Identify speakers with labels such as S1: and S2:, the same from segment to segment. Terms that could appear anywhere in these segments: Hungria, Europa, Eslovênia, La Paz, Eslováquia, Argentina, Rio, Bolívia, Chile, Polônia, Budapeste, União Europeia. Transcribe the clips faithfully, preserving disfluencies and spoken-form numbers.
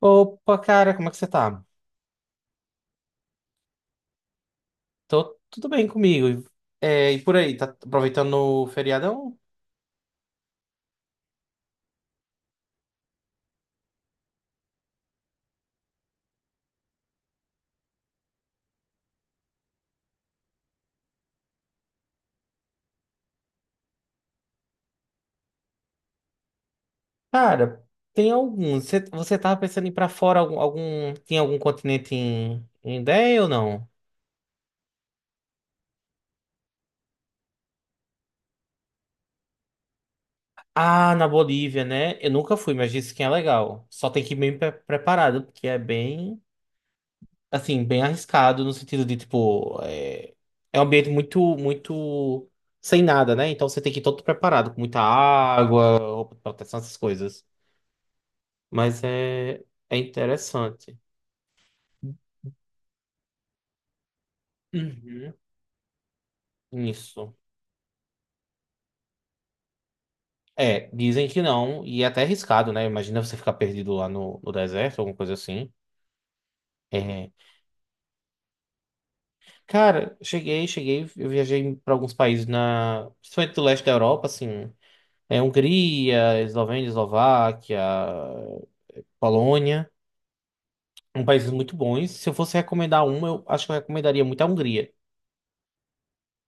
S1: Opa, cara, como é que você tá? Tô tudo bem comigo. É, e por aí, tá aproveitando o feriadão? Cara, tem alguns. Você, você tava pensando em ir pra fora algum, algum- tem algum continente em, em ideia ou não? Ah, na Bolívia, né? Eu nunca fui, mas disse que é legal. Só tem que ir bem pre- preparado, porque é bem, assim, bem arriscado no sentido de, tipo, é, é um ambiente muito, muito sem nada, né? Então você tem que ir todo preparado, com muita água, roupa de proteção, essas coisas. Mas é, é interessante. Uhum. Isso. É, dizem que não, e é até arriscado, né? Imagina você ficar perdido lá no, no deserto, alguma coisa assim. É, cara, cheguei, cheguei, eu viajei para alguns países na, principalmente do leste da Europa, assim, é Hungria, Eslovênia, Eslováquia, Polônia, são países muito bons. Se eu fosse recomendar um, eu acho que eu recomendaria muito a Hungria,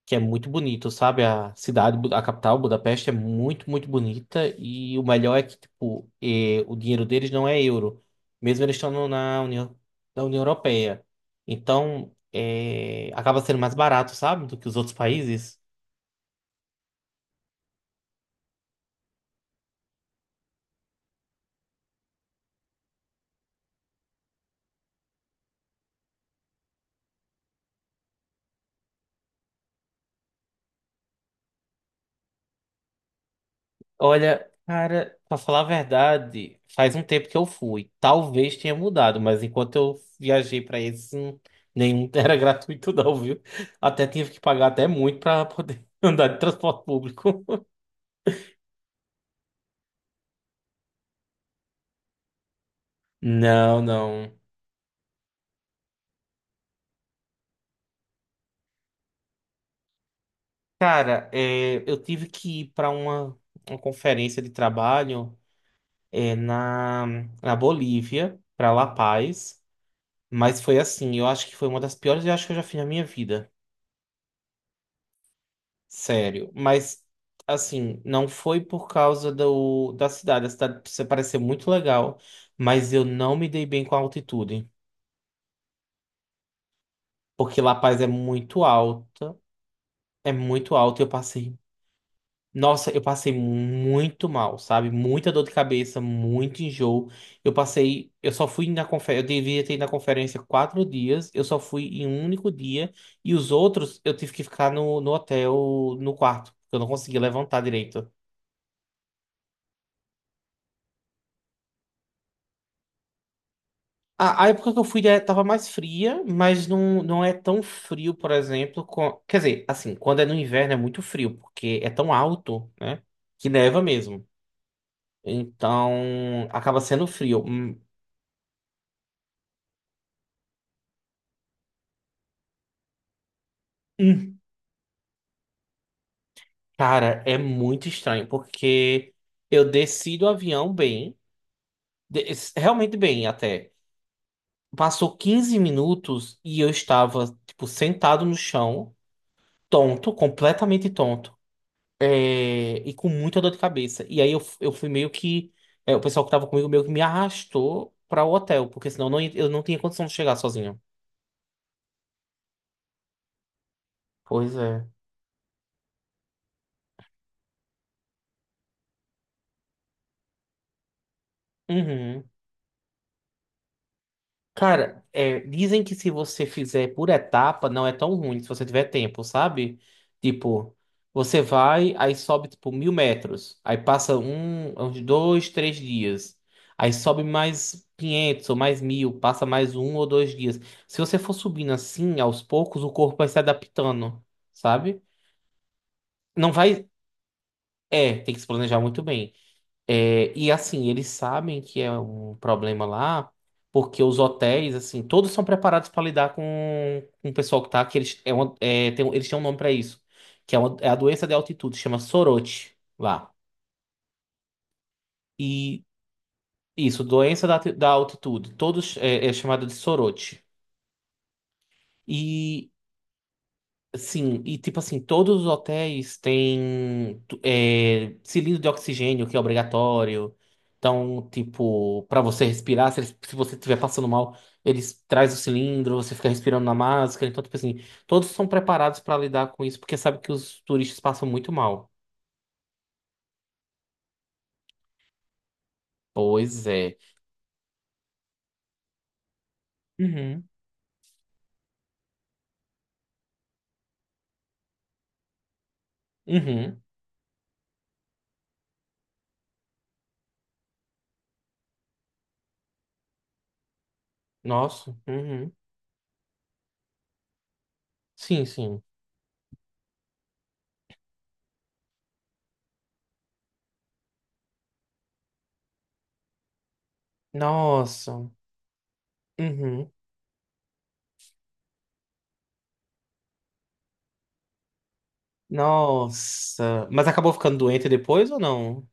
S1: que é muito bonito, sabe? A cidade, Bu- a capital, Budapeste, é muito, muito bonita, e o melhor é que, tipo, eh, o dinheiro deles não é euro, mesmo eles estando na União, na União Europeia. Então, eh, acaba sendo mais barato, sabe, do que os outros países. Olha, cara, pra falar a verdade, faz um tempo que eu fui. Talvez tenha mudado, mas enquanto eu viajei pra esse, hum, nenhum era gratuito não, viu? Até tive que pagar até muito pra poder andar de transporte público. Não, não. Cara, é, eu tive que ir pra uma, uma conferência de trabalho, é, na, na Bolívia, pra La Paz, mas foi assim, eu acho que foi uma das piores viagens que eu já fiz na minha vida. Sério, mas assim, não foi por causa do, da cidade. A cidade precisa parecer muito legal, mas eu não me dei bem com a altitude, porque La Paz é muito alta, é muito alta. Eu passei, nossa, eu passei muito mal, sabe? Muita dor de cabeça, muito enjoo. Eu passei, eu só fui na conferência, eu devia ter ido na conferência quatro dias, eu só fui em um único dia, e os outros eu tive que ficar no, no hotel, no quarto, porque eu não conseguia levantar direito. A, a época que eu fui, é, tava mais fria, mas não, não é tão frio, por exemplo. com- Quer dizer, assim, quando é no inverno é muito frio, porque é tão alto, né? Que neva mesmo. Então, acaba sendo frio. Hum, hum, cara, é muito estranho, porque eu desci do avião bem, des- realmente bem até. Passou quinze minutos e eu estava, tipo, sentado no chão, tonto, completamente tonto. é, e com muita dor de cabeça. E aí eu, f- eu fui meio que. É, o pessoal que tava comigo meio que me arrastou pra o hotel, porque senão eu não, ia- eu não tinha condição de chegar sozinho. Pois é. Uhum. Cara, é, dizem que se você fizer por etapa, não é tão ruim se você tiver tempo, sabe? Tipo, você vai, aí sobe tipo mil metros, aí passa um, uns dois, três dias, aí sobe mais quinhentos ou mais mil, passa mais um ou dois dias. Se você for subindo assim, aos poucos, o corpo vai se adaptando, sabe? Não vai. É, tem que se planejar muito bem. É, e assim, eles sabem que é um problema lá, porque os hotéis, assim, todos são preparados para lidar com, com o pessoal que tá, que eles, é uma- é, tem um- eles têm um nome para isso, que é, uma- é a doença de altitude, chama sorote lá. E isso, doença da, alti- da altitude, todos é, é chamado de sorote. Sim, e tipo assim, todos os hotéis têm tu- é, cilindro de oxigênio, que é obrigatório. Então, tipo, para você respirar, se, eles- se você estiver passando mal, eles trazem o cilindro, você fica respirando na máscara. Então, tipo assim, todos são preparados para lidar com isso, porque sabe que os turistas passam muito mal. Pois é. Uhum, uhum. Nossa, uhum. Sim, sim. Nossa, uhum. Nossa. Mas acabou ficando doente depois ou não?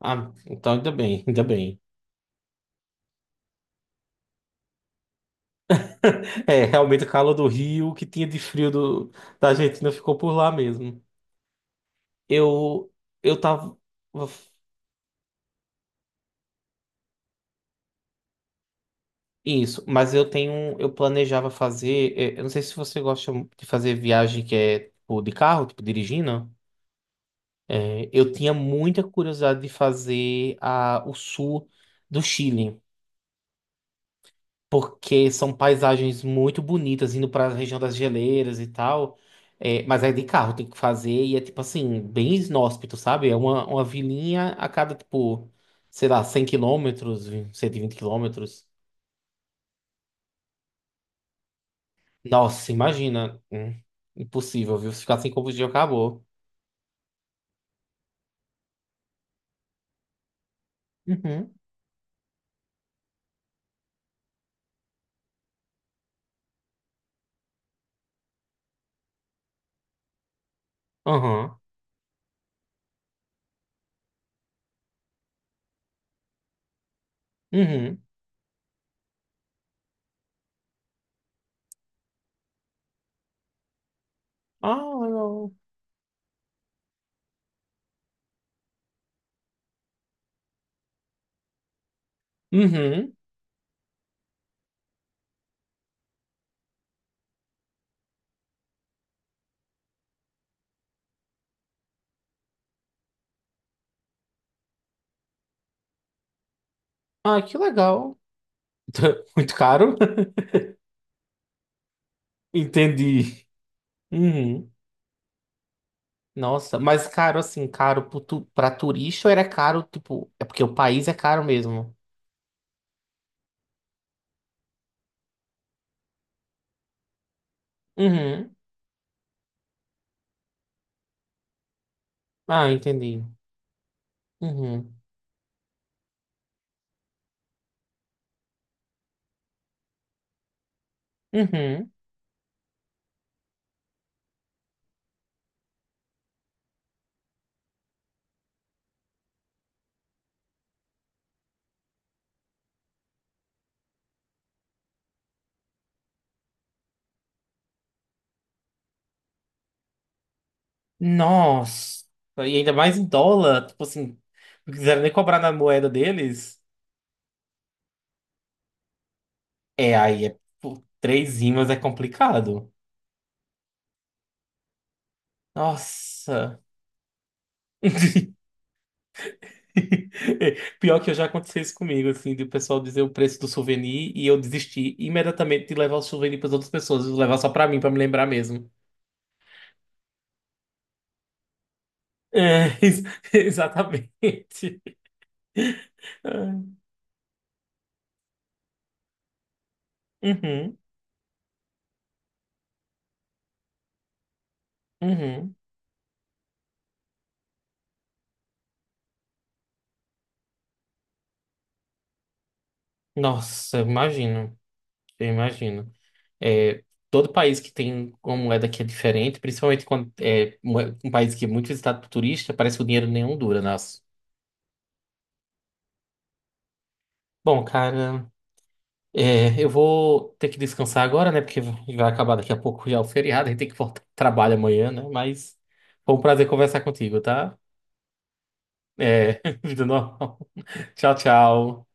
S1: Ah, então ainda bem, ainda bem. É, realmente o calor do Rio, o que tinha de frio do, da Argentina ficou por lá mesmo. Eu, eu tava. Isso, mas eu tenho. um, Eu planejava fazer. é, Eu não sei se você gosta de fazer viagem que é tipo de carro, tipo dirigindo. É, eu tinha muita curiosidade de fazer a, o sul do Chile, porque são paisagens muito bonitas, indo para a região das geleiras e tal. É, mas é de carro, tem que fazer, e é tipo assim, bem inóspito, sabe? É uma, uma vilinha a cada, tipo, sei lá, 100 quilômetros, cento e vinte quilômetros. Nossa, imagina. Hum, impossível, viu? Se ficar sem combustível, acabou. Uhum, aham, uhum. Ah, legal. Uhum. Ah, que legal. Muito caro. Entendi. Uhum. Nossa, mas caro assim, caro pro tu- pra turista, ou era caro, tipo, é porque o país é caro mesmo? Uhum. Ah, entendi. Uhum. Uhum. Nossa. E ainda mais em dólar, tipo assim, não quiseram nem cobrar na moeda deles. É, aí é por três imãs é complicado. Nossa. Pior que eu já aconteceu isso comigo, assim, de o pessoal dizer o preço do souvenir e eu desistir imediatamente de levar o souvenir para as outras pessoas, eu levar só para mim, para me lembrar mesmo. É, ex- exatamente. Ai. Uhum, uhum. Nossa, eu imagino, eu imagino. É, todo país que tem uma moeda que é diferente, principalmente quando é moe- um país que é muito visitado por turista, parece que o dinheiro nenhum dura, nossa. Bom, cara, é, eu vou ter que descansar agora, né? Porque vai acabar daqui a pouco já o feriado, a gente tem que voltar ao trabalho amanhã, né? Mas foi um prazer conversar contigo, tá? É, vida normal. Tchau, tchau.